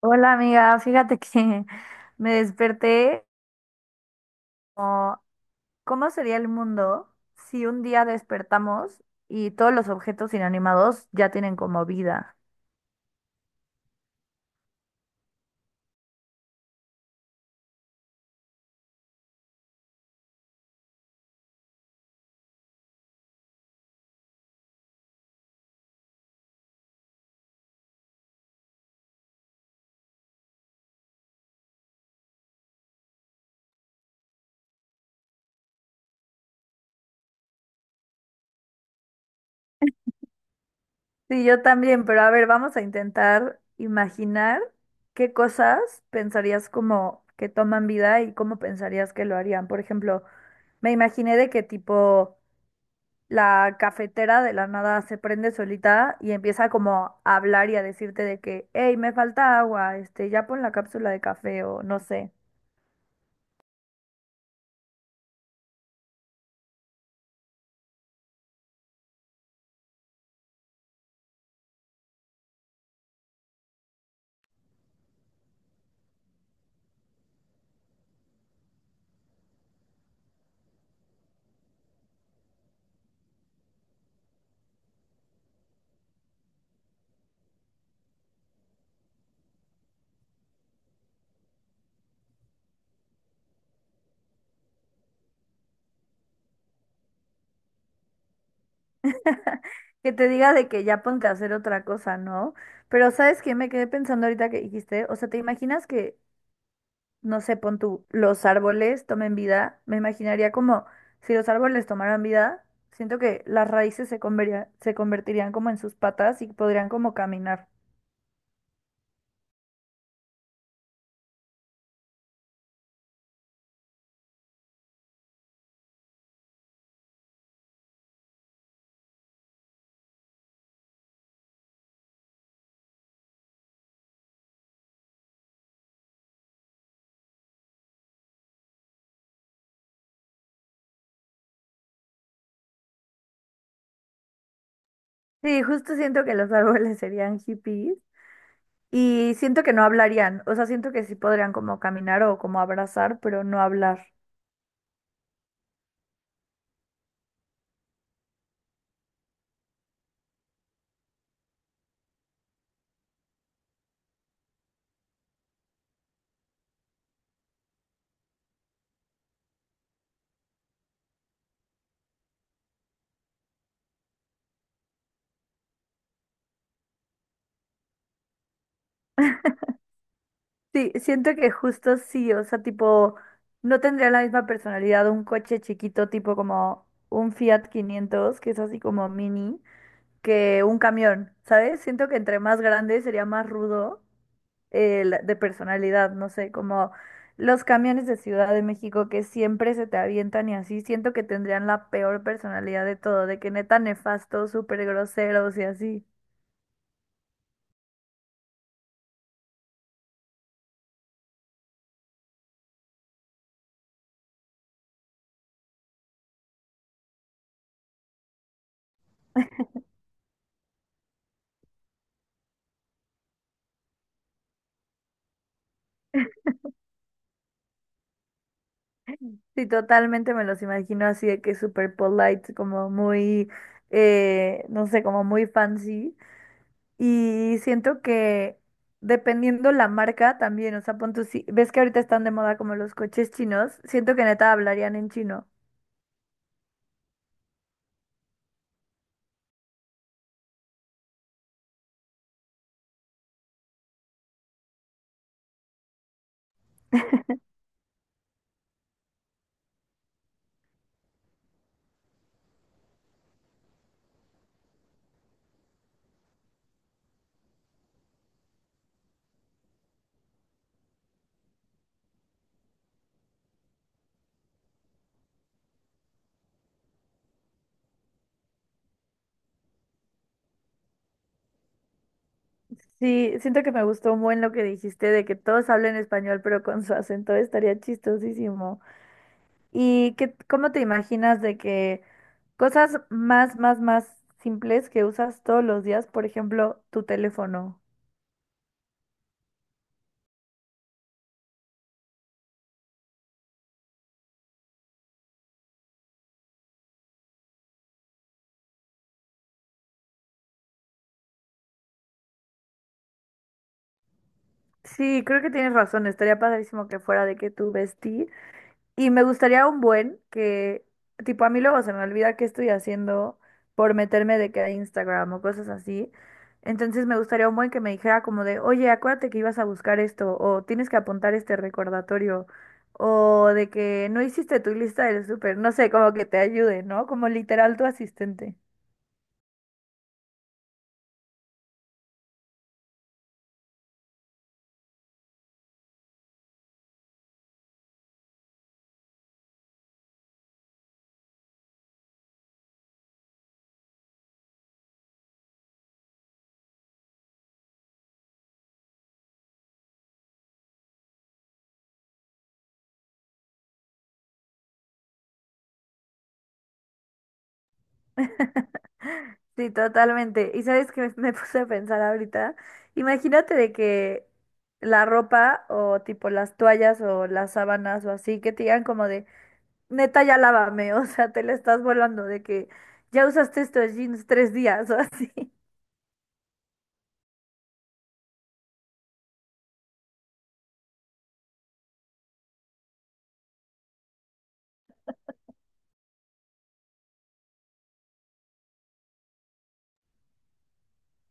Hola amiga, fíjate que me desperté como, ¿cómo sería el mundo si un día despertamos y todos los objetos inanimados ya tienen como vida? Sí, yo también, pero a ver, vamos a intentar imaginar qué cosas pensarías como que toman vida y cómo pensarías que lo harían. Por ejemplo, me imaginé de qué tipo la cafetera de la nada se prende solita y empieza como a hablar y a decirte de que, hey, me falta agua, ya pon la cápsula de café o no sé. Que te diga de que ya ponte a hacer otra cosa, ¿no? Pero ¿sabes qué? Me quedé pensando ahorita que dijiste, o sea, ¿te imaginas que, no sé, pon tú, los árboles tomen vida? Me imaginaría como si los árboles tomaran vida, siento que las raíces se convertirían como en sus patas y podrían como caminar. Sí, justo siento que los árboles serían hippies. Y siento que no hablarían, o sea, siento que sí podrían como caminar o como abrazar, pero no hablar. Sí, siento que justo sí, o sea, tipo, no tendría la misma personalidad un coche chiquito, tipo como un Fiat 500 que es así como mini, que un camión, ¿sabes? Siento que entre más grande sería más rudo. De personalidad, no sé, como los camiones de Ciudad de México que siempre se te avientan y así, siento que tendrían la peor personalidad de todo, de que neta nefastos, súper groseros y así. Sí, totalmente me los imagino así de que súper polite, como muy, no sé, como muy fancy. Y siento que dependiendo la marca también, o sea, pon tú, si ves que ahorita están de moda como los coches chinos, siento que neta hablarían en chino. Sí, siento que me gustó un buen lo que dijiste de que todos hablen español, pero con su acento estaría chistosísimo. ¿Cómo te imaginas de que cosas más, más, más simples que usas todos los días, por ejemplo, tu teléfono? Sí, creo que tienes razón, estaría padrísimo que fuera de que tu vestí. Y me gustaría un buen que, tipo, a mí luego se me olvida qué estoy haciendo por meterme de que a Instagram o cosas así. Entonces me gustaría un buen que me dijera como de, oye, acuérdate que ibas a buscar esto, o tienes que apuntar este recordatorio, o de que no hiciste tu lista del súper, no sé, como que te ayude, ¿no? Como literal tu asistente. Sí, totalmente. Y sabes que me puse a pensar ahorita, imagínate de que la ropa o tipo las toallas o las sábanas o así, que te digan como de, neta, ya lávame, o sea, te la estás volando de que ya usaste estos jeans 3 días o así.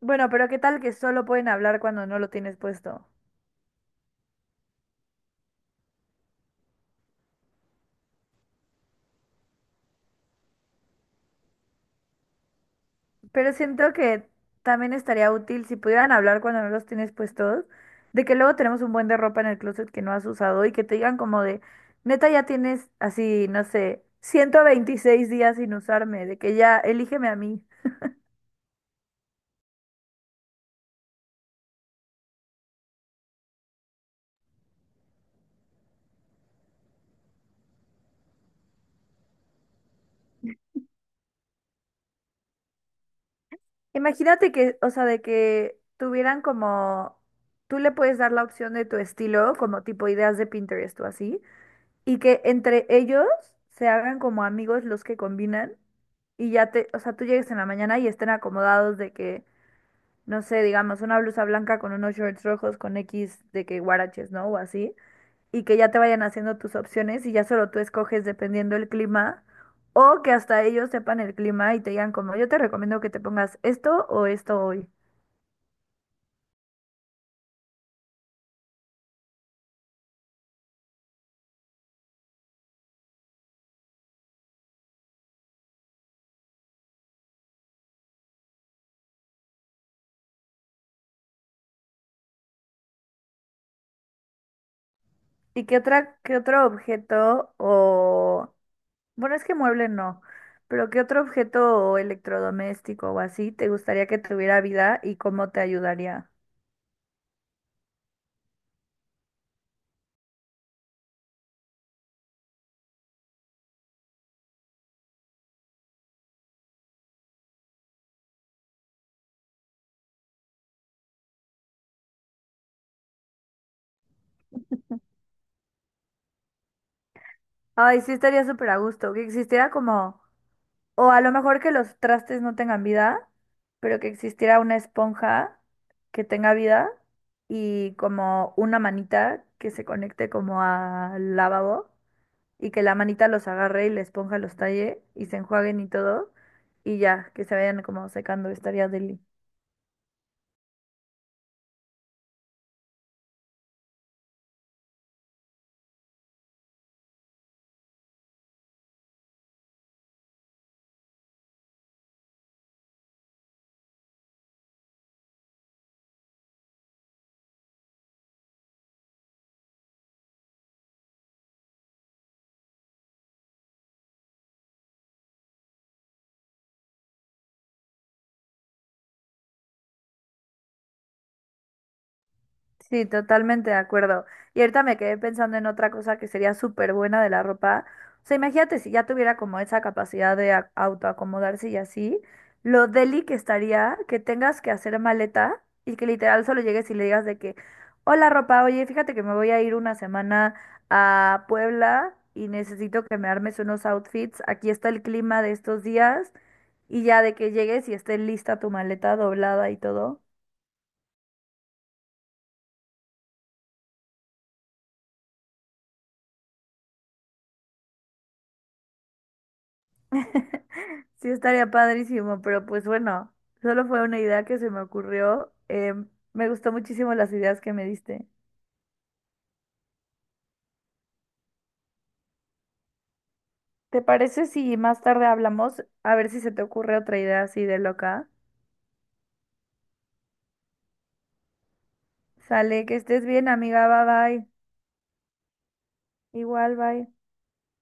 Bueno, pero ¿qué tal que solo pueden hablar cuando no lo tienes puesto? Pero siento que también estaría útil si pudieran hablar cuando no los tienes puestos, de que luego tenemos un buen de ropa en el closet que no has usado y que te digan como de, neta ya tienes así, no sé, 126 días sin usarme, de que ya elígeme a mí. Imagínate que, o sea, de que tuvieran como, tú le puedes dar la opción de tu estilo, como tipo ideas de Pinterest o así, y que entre ellos se hagan como amigos los que combinan y ya te, o sea, tú llegues en la mañana y estén acomodados de que no sé, digamos, una blusa blanca con unos shorts rojos con X de que guaraches, ¿no? O así, y que ya te vayan haciendo tus opciones y ya solo tú escoges dependiendo el clima, o que hasta ellos sepan el clima y te digan como, yo te recomiendo que te pongas esto o esto hoy. ¿Qué otro objeto o, bueno, es que mueble no, pero qué otro objeto o electrodoméstico o así te gustaría que tuviera vida y cómo te ayudaría? Ay, sí estaría súper a gusto, que existiera como. O a lo mejor que los trastes no tengan vida, pero que existiera una esponja que tenga vida y como una manita que se conecte como al lavabo y que la manita los agarre y la esponja los talle y se enjuaguen y todo y ya, que se vayan como secando, estaría deli. Sí, totalmente de acuerdo. Y ahorita me quedé pensando en otra cosa que sería súper buena de la ropa. O sea, imagínate si ya tuviera como esa capacidad de autoacomodarse y así, lo deli que estaría que tengas que hacer maleta y que literal solo llegues y le digas de que, hola ropa, oye, fíjate que me voy a ir una semana a Puebla y necesito que me armes unos outfits. Aquí está el clima de estos días y ya de que llegues y esté lista tu maleta doblada y todo. Sí, estaría padrísimo, pero pues bueno, solo fue una idea que se me ocurrió. Me gustó muchísimo las ideas que me diste. ¿Te parece si más tarde hablamos? A ver si se te ocurre otra idea así de loca. Sale, que estés bien, amiga. Bye bye. Igual, bye.